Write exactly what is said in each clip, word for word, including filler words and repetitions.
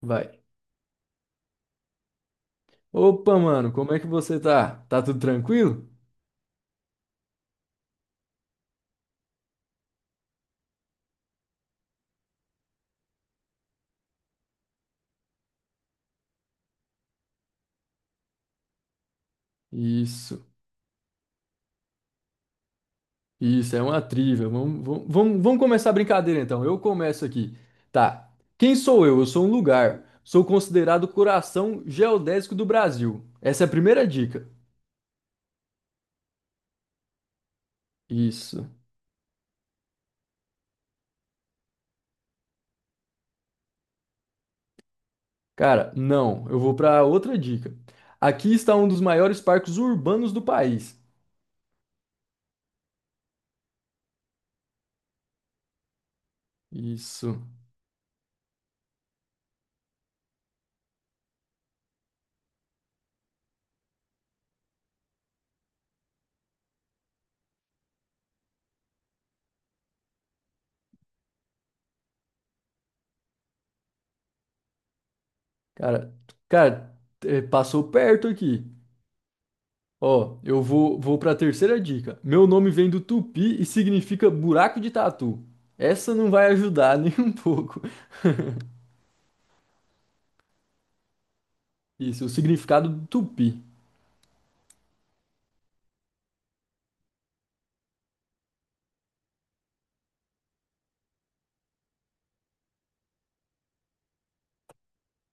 Vai. Opa, mano, como é que você tá? Tá tudo tranquilo? Isso, isso, é uma trivia. Vamos, vamos, vamos, vamos começar a brincadeira então. Eu começo aqui. Tá. Quem sou eu? Eu sou um lugar. Sou considerado o coração geodésico do Brasil. Essa é a primeira dica. Isso. Cara, não. Eu vou pra outra dica. Aqui está um dos maiores parques urbanos do país. Isso. Cara, cara, eh, passou perto aqui. Ó, eu vou, vou para a terceira dica. Meu nome vem do tupi e significa buraco de tatu. Essa não vai ajudar nem um pouco. Isso, o significado do tupi.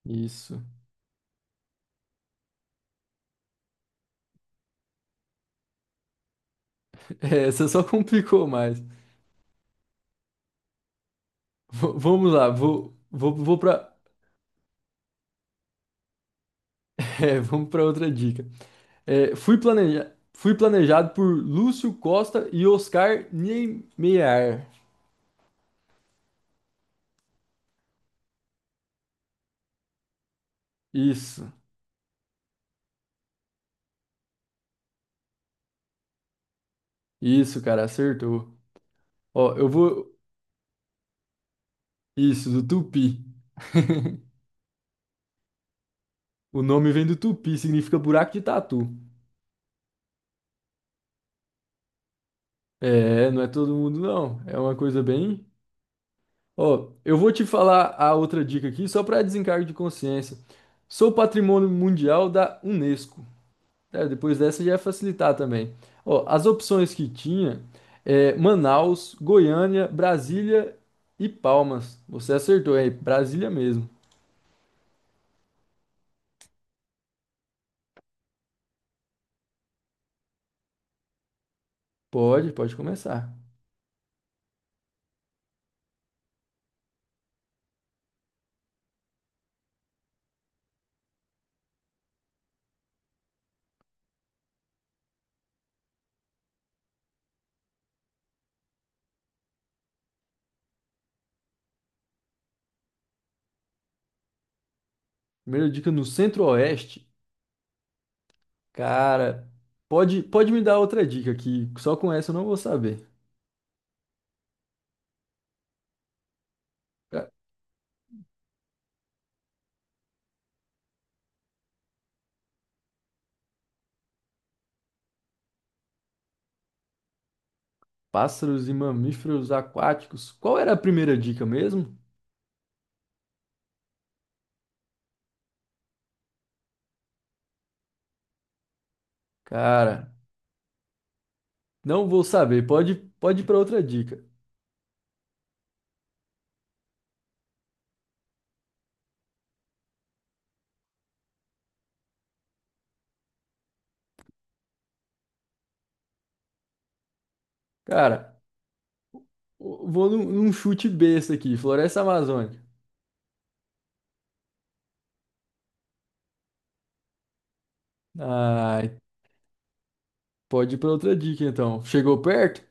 Isso. É, essa só complicou mais. V- vamos lá, vou, vou, vou para é, vamos para outra dica. É, fui planeja fui planejado por Lúcio Costa e Oscar Niemeyer. Isso, isso, cara, acertou. Ó, eu vou. Isso, do tupi. O nome vem do tupi, significa buraco de tatu. É, não é todo mundo não. É uma coisa bem. Ó, eu vou te falar a outra dica aqui, só para desencargo de consciência. Sou patrimônio mundial da Unesco. É, depois dessa já ia facilitar também. Ó, as opções que tinha é Manaus, Goiânia, Brasília e Palmas. Você acertou aí, Brasília mesmo. Pode, pode começar. Primeira dica no Centro-Oeste. Cara, pode, pode me dar outra dica que só com essa eu não vou saber. Ca- Pássaros e mamíferos aquáticos. Qual era a primeira dica mesmo? Cara, não vou saber. Pode, pode ir para outra dica. Cara, o- vou num, num chute besta aqui, Floresta Amazônica. Ai, pode ir para outra dica então. Chegou perto?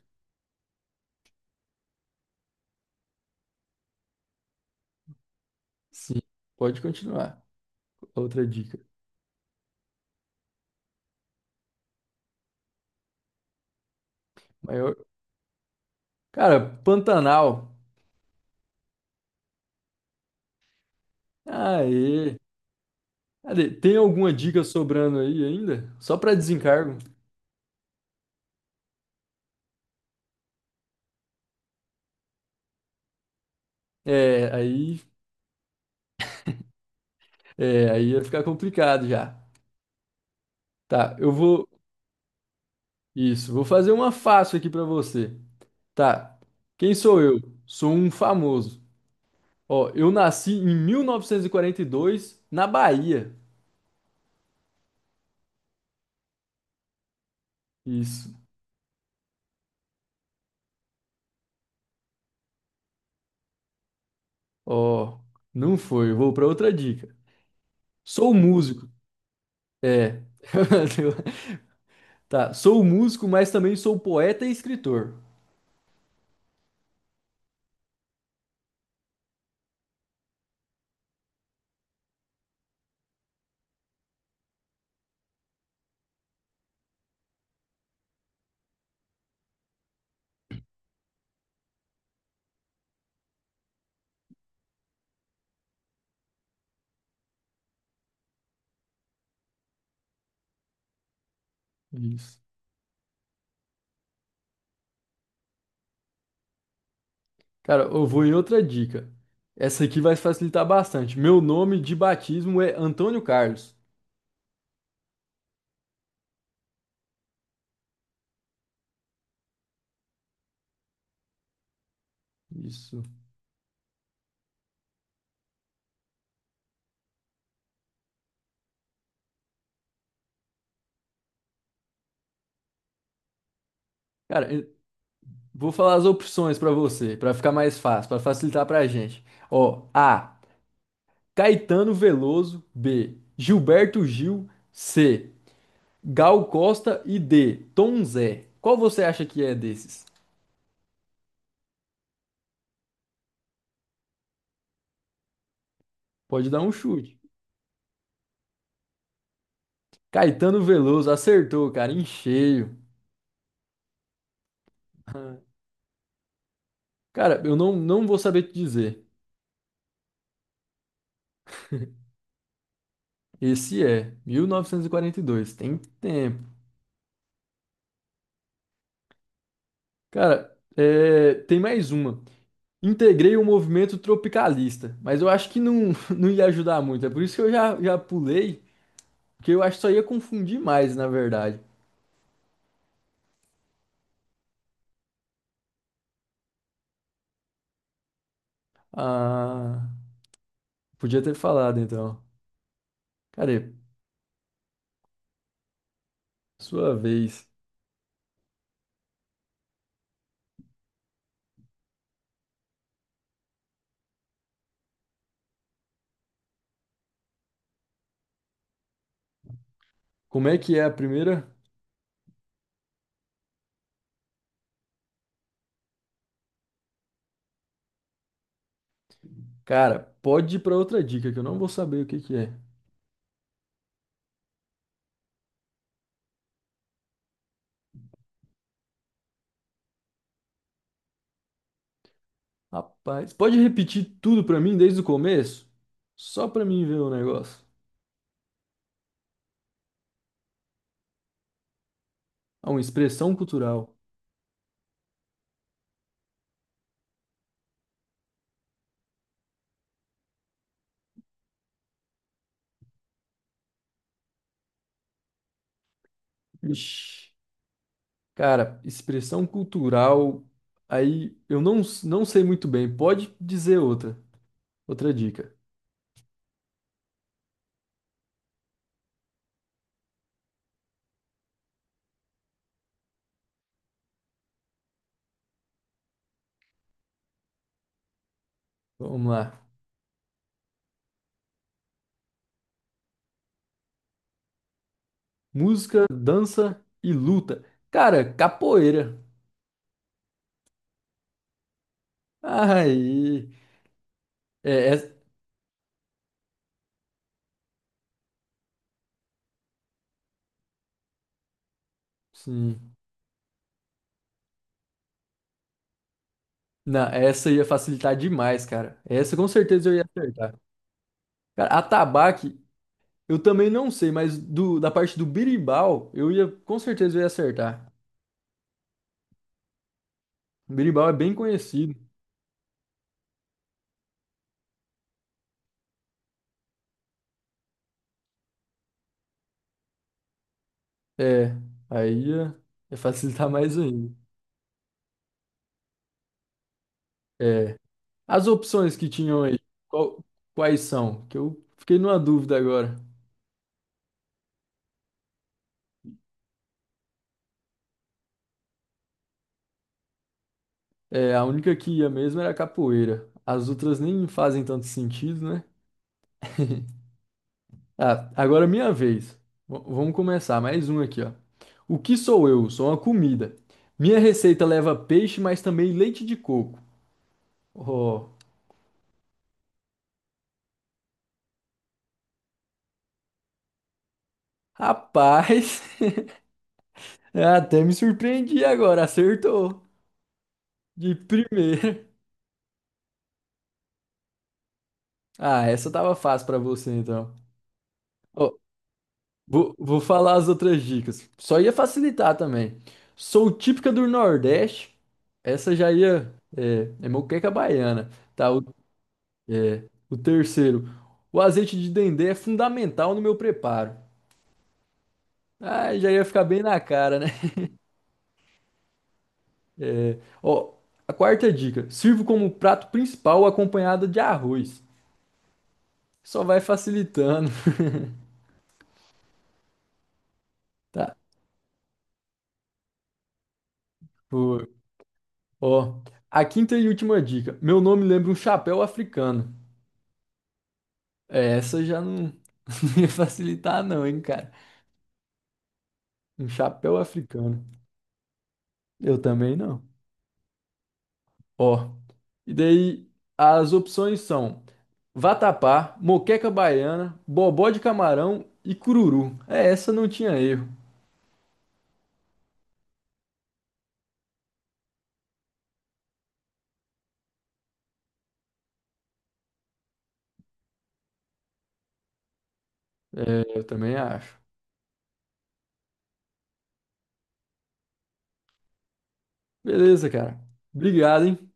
Sim, pode continuar. Outra dica. Maior... Cara, Pantanal. Aê. Cadê? Tem alguma dica sobrando aí ainda? Só para desencargo. É, aí, é, aí ia ficar complicado já. Tá, eu vou. Isso, vou fazer uma fácil aqui pra você. Tá. Quem sou eu? Sou um famoso. Ó, eu nasci em mil novecentos e quarenta e dois na Bahia. Isso. Ó, não foi. Eu vou pra outra dica. Sou músico. É. Tá, sou músico, mas também sou poeta e escritor. Isso. Cara, eu vou em outra dica. Essa aqui vai facilitar bastante. Meu nome de batismo é Antônio Carlos. Isso. Cara, eu vou falar as opções pra você, pra ficar mais fácil, pra facilitar pra gente. Ó, A. Caetano Veloso. B. Gilberto Gil. C. Gal Costa e D. Tom Zé. Qual você acha que é desses? Pode dar um chute. Caetano Veloso acertou, cara, em cheio. Cara, eu não, não vou saber te dizer. Esse é mil novecentos e quarenta e dois, tem tempo. Cara, é, tem mais uma. Integrei o movimento tropicalista, mas eu acho que não, não ia ajudar muito. É por isso que eu já, já pulei, porque eu acho que só ia confundir mais, na verdade. Ah, podia ter falado então. Cara, sua vez. Como é que é a primeira? Cara, pode ir pra outra dica que eu não vou saber o que que é. Rapaz, pode repetir tudo pra mim desde o começo? Só pra mim ver o negócio. Ah, uma expressão cultural. Ixi, cara, expressão cultural. Aí eu não, s- não sei muito bem. Pode dizer outra. Outra dica. Vamos lá. Música, dança e luta. Cara, capoeira. Aí. É, é- sim. Não, essa ia facilitar demais, cara. Essa com certeza eu ia acertar. Cara, atabaque, eu também não sei, mas do, da parte do birimbau, eu ia, com certeza eu ia acertar. O birimbau é bem conhecido. É, aí é, é facilitar mais ainda. É, as opções que tinham aí, qual- quais são? Que eu fiquei numa dúvida agora. É, a única que ia mesmo era a capoeira. As outras nem fazem tanto sentido, né? Ah, agora é minha vez. V- vamos começar, mais um aqui, ó. O que sou eu? Sou uma comida. Minha receita leva peixe, mas também leite de coco. Oh, rapaz, até me surpreendi agora, acertou. De primeira. Ah, essa tava fácil pra você então. Ó, vou, vou falar as outras dicas. Só ia facilitar também. Sou típica do Nordeste. Essa já ia. É, é moqueca baiana. Tá, o, é, o terceiro. O azeite de dendê é fundamental no meu preparo. Ah, já ia ficar bem na cara, né? É, ó, a quarta dica. Sirvo como prato principal acompanhado de arroz. Só vai facilitando. Tá. Ó, a quinta e última dica. Meu nome lembra um chapéu africano. É, Essa já não, não ia facilitar não, hein, cara. Um chapéu africano. Eu também não. Ó, e daí as opções são vatapá, moqueca baiana, bobó de camarão e cururu. É, essa não tinha erro. É, eu também acho. Beleza, cara. Obrigado, hein?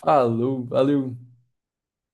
Falou, valeu.